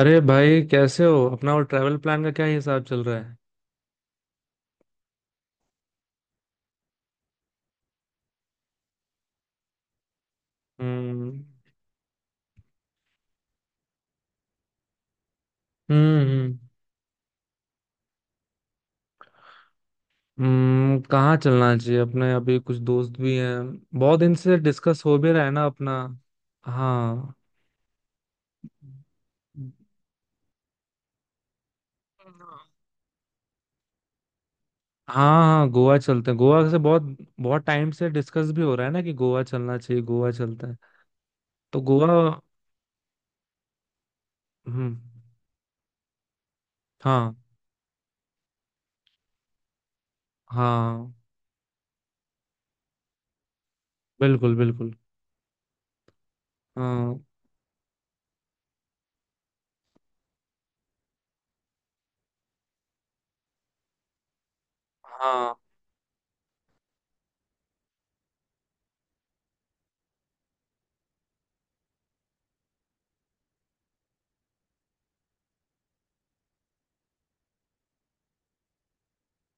अरे भाई, कैसे हो? अपना वो ट्रैवल प्लान का क्या हिसाब चल रहा है? हम्म हम्म हम्म कहाँ चलना चाहिए अपने? अभी कुछ दोस्त भी हैं, बहुत दिन से डिस्कस हो भी रहा है ना अपना। हाँ, हाँ, हाँ, गोवा चलते हैं। गोवा से बहुत बहुत टाइम से डिस्कस भी हो रहा है ना कि गोवा चलना चाहिए। गोवा चलते हैं। तो गोवा। हम्म। हाँ, हाँ, हाँ, बिल्कुल, बिल्कुल। हाँ, हाँ।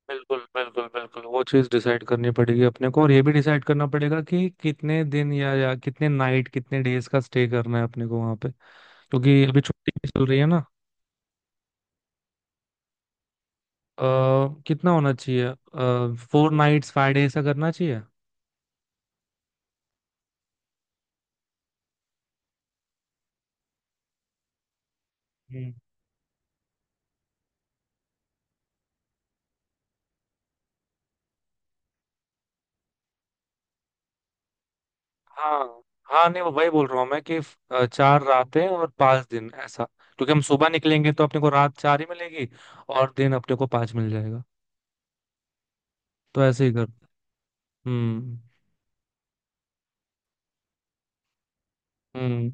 बिल्कुल, बिल्कुल, बिल्कुल, वो चीज डिसाइड करनी पड़ेगी अपने को, और ये भी डिसाइड करना पड़ेगा कि कितने दिन या कितने नाइट, कितने डेज का स्टे करना है अपने को वहां पे। क्योंकि अभी छुट्टी भी चल रही है ना। आ, कितना होना चाहिए? 4 नाइट्स 5 डेज का करना चाहिए। हम्म। हाँ, हाँ, नहीं वो वही बोल रहा हूँ मैं कि 4 रातें और 5 दिन ऐसा, क्योंकि हम सुबह निकलेंगे तो अपने को रात 4 ही मिलेगी और दिन अपने को 5 मिल जाएगा। तो ऐसे ही कर। हम्म। हम्म।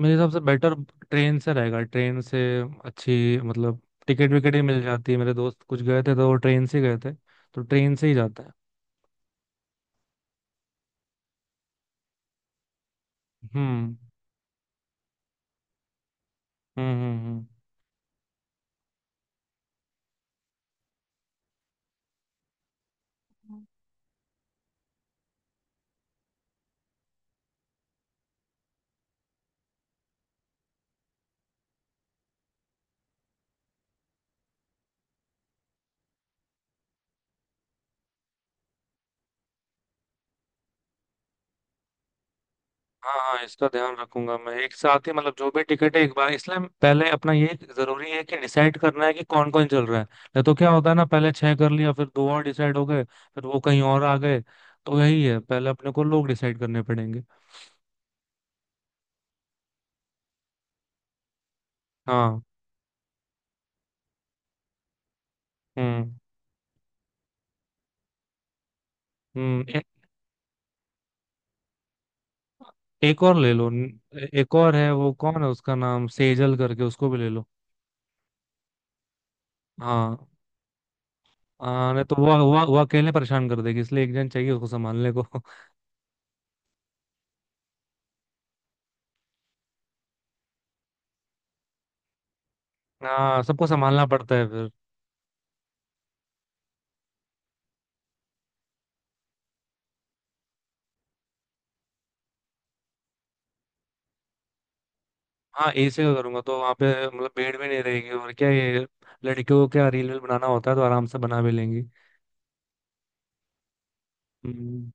मेरे हिसाब से बेटर ट्रेन से रहेगा, ट्रेन से अच्छी। मतलब टिकट विकेट ही मिल जाती है, मेरे दोस्त कुछ गए थे तो वो ट्रेन से ही गए थे, तो ट्रेन से ही जाता है। हम्म। हम्म। हम्म। हम्म। हाँ, हाँ, इसका ध्यान रखूंगा मैं, एक साथ ही, मतलब जो भी टिकट है एक बार। इसलिए पहले अपना ये जरूरी है कि डिसाइड करना है कि कौन कौन चल रहा है। नहीं तो क्या होता है ना, पहले 6 कर लिया, फिर 2 और डिसाइड हो गए, फिर वो कहीं और आ गए। तो यही है, पहले अपने को लोग डिसाइड करने पड़ेंगे। हाँ। हम्म। हम्म। एक और ले लो। एक और है, वो कौन है, उसका नाम सेजल करके, उसको भी ले लो। हाँ। हाँ, नहीं तो वो अकेले परेशान कर देगी, इसलिए एक जन चाहिए उसको संभालने को। हाँ, सबको संभालना पड़ता है फिर। हाँ, एसी का करूंगा तो वहाँ पे मतलब भीड़ भी नहीं रहेगी, और क्या, ये लड़कियों को क्या रील वील बनाना होता है तो आराम से बना भी लेंगी। हम्म।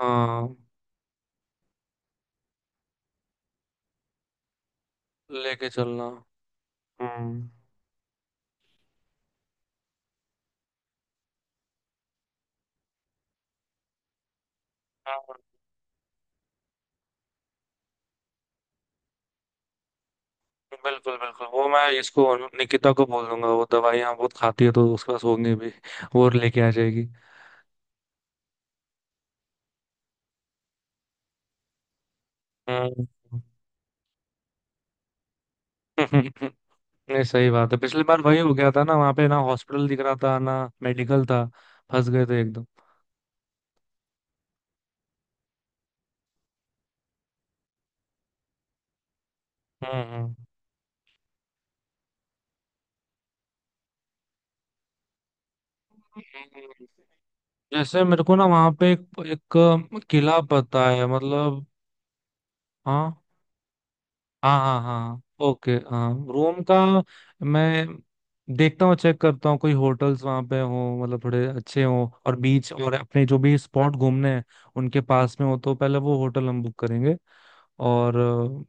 हाँ, लेके चलना। हम्म। हाँ, बिल्कुल, बिल्कुल, वो मैं इसको निकिता को बोल दूंगा, वो दवाई यहाँ बहुत खाती है तो उसके पास होंगे भी, वो लेके आ जाएगी। हम्म। हम्म, नहीं सही बात है, पिछली बार वही हो गया था ना, वहां पे ना हॉस्पिटल दिख रहा था ना, मेडिकल था, फंस गए थे एकदम। हम्म। हम्म। हम्म। जैसे मेरे को ना वहां पे एक किला पता है मतलब। हाँ, हाँ, हाँ, हाँ, ओके, हाँ, रोम का मैं देखता हूँ, चेक करता हूँ कोई होटल्स वहां पे हो, मतलब थोड़े अच्छे हो और बीच और अपने जो भी स्पॉट घूमने हैं उनके पास में हो, तो पहले वो होटल हम बुक करेंगे। और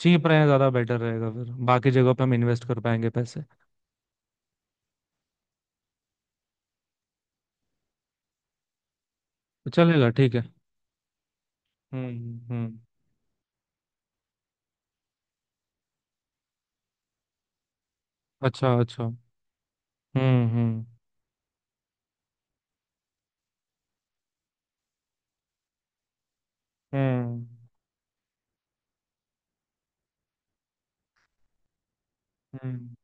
चीप रहे ज्यादा बेटर रहेगा, फिर बाकी जगह पे हम इन्वेस्ट कर पाएंगे पैसे। तो चलेगा, ठीक है। हम्म। हम्म। अच्छा, अच्छा। हम्म। हम्म। हम्म। हम्म।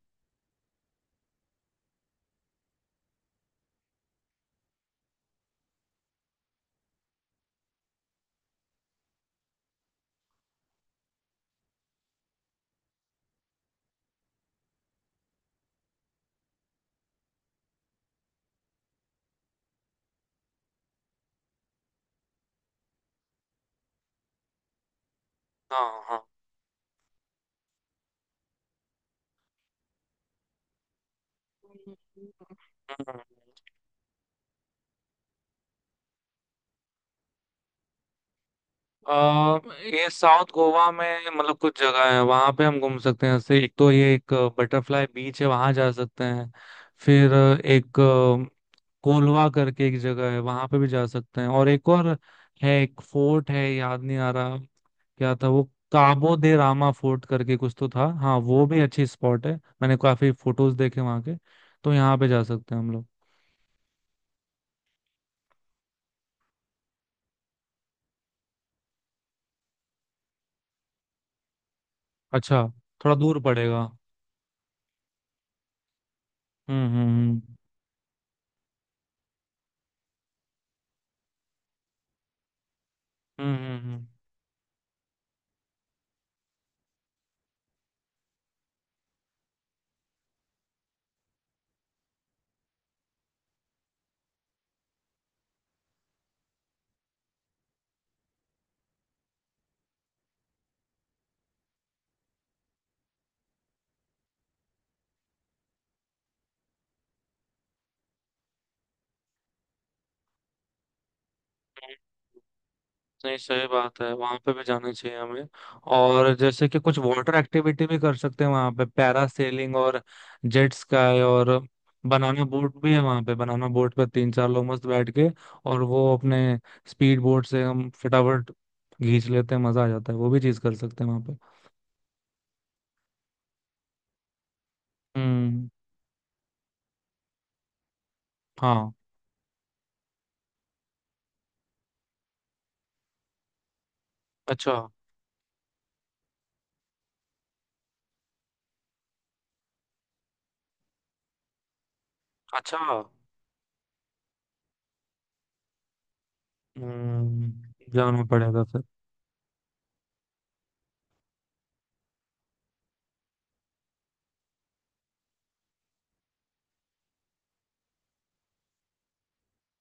हाँ, हाँ। हम्म। अ, ये साउथ गोवा में मतलब कुछ जगह है, वहां पे हम घूम सकते हैं, जैसे एक तो ये एक बटरफ्लाई बीच है, वहां जा सकते हैं। फिर एक कोलवा करके एक जगह है, वहां पे भी जा सकते हैं। और एक और है, एक फोर्ट है, याद नहीं आ रहा क्या था वो, काबो दे रामा फोर्ट करके कुछ तो था, हाँ वो भी अच्छी स्पॉट है, मैंने काफी फोटोज देखे वहां के, तो यहाँ पे जा सकते हैं हम लोग। अच्छा, थोड़ा दूर पड़ेगा। हम्म। हम्म। हम्म। हम्म। हम्म। हम्म। हम्म। नहीं सही बात है, वहां पे भी जाना चाहिए हमें। और जैसे कि कुछ वाटर एक्टिविटी भी कर सकते हैं वहां पे, पैरा सेलिंग और जेट स्काई और बनाना बोट भी है वहां पे। बनाना बोट पे 3-4 लोग मस्त बैठ के, और वो अपने स्पीड बोट से हम फटाफट खींच लेते हैं, मजा आ जाता है, वो भी चीज कर सकते हैं वहां पे। हम्म। हाँ। अच्छा, अच्छा। हम्म। जाना पड़ेगा फिर।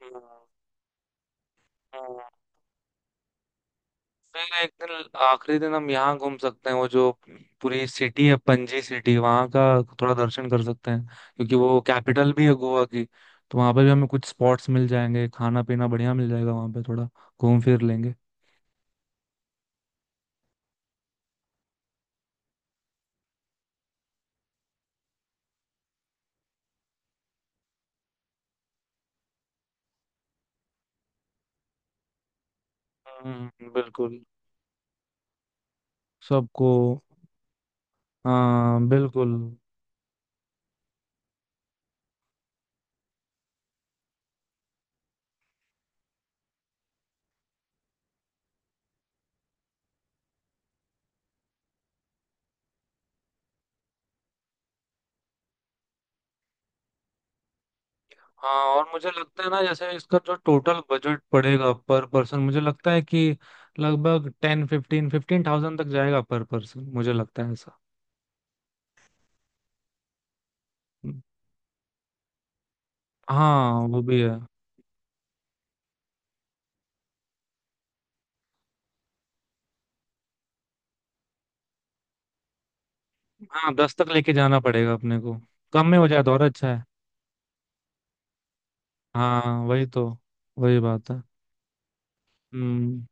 हम्म। हम्म। फिर एक दिन, आखिरी दिन हम यहाँ घूम सकते हैं, वो जो पूरी सिटी है पणजी सिटी, वहाँ का थोड़ा दर्शन कर सकते हैं, क्योंकि वो कैपिटल भी है गोवा की, तो वहाँ पे भी हमें कुछ स्पॉट्स मिल जाएंगे, खाना पीना बढ़िया मिल जाएगा वहाँ पे, थोड़ा घूम फिर लेंगे। हम्म, बिल्कुल। सबको। हाँ, बिल्कुल। हाँ, और मुझे लगता है ना, जैसे इसका जो टोटल बजट पड़ेगा पर पर्सन, मुझे लगता है कि लगभग 10 फिफ्टीन फिफ्टीन थाउजेंड तक जाएगा पर पर्सन, मुझे लगता है ऐसा। हाँ, वो भी है। हाँ, 10 तक लेके जाना पड़ेगा अपने को, कम में हो जाए तो और अच्छा है। हाँ, वही तो। वही बात है। हम्म।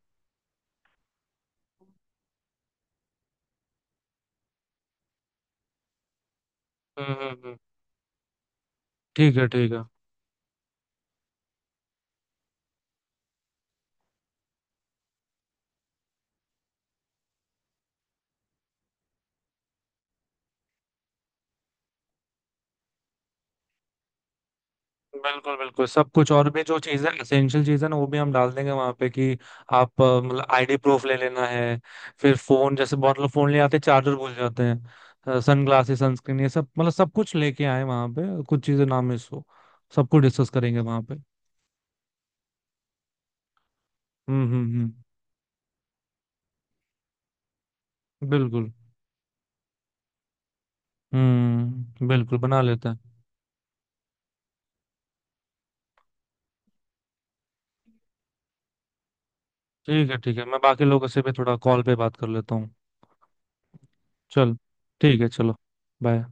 हम्म। हम्म। हम्म। ठीक है, ठीक है। बिल्कुल, बिल्कुल, सब कुछ, और भी जो चीजें एसेंशियल चीजें ना वो भी हम डाल देंगे वहां पे, कि आप मतलब आईडी प्रूफ ले लेना है, फिर फोन, जैसे बहुत लोग फोन ले आते हैं चार्जर भूल जाते हैं, सन ग्लासेस, सनस्क्रीन, ये सब, मतलब सब कुछ लेके आए, वहां पे कुछ चीजें ना मिस हो, सब कुछ डिस्कस करेंगे वहां पे। हम्म। हम्म। हम्म। बिल्कुल। हम्म, बिल्कुल बना लेते हैं। ठीक है, ठीक है, मैं बाकी लोगों से भी थोड़ा कॉल पे बात कर लेता हूँ। चल, ठीक है, चलो। बाय।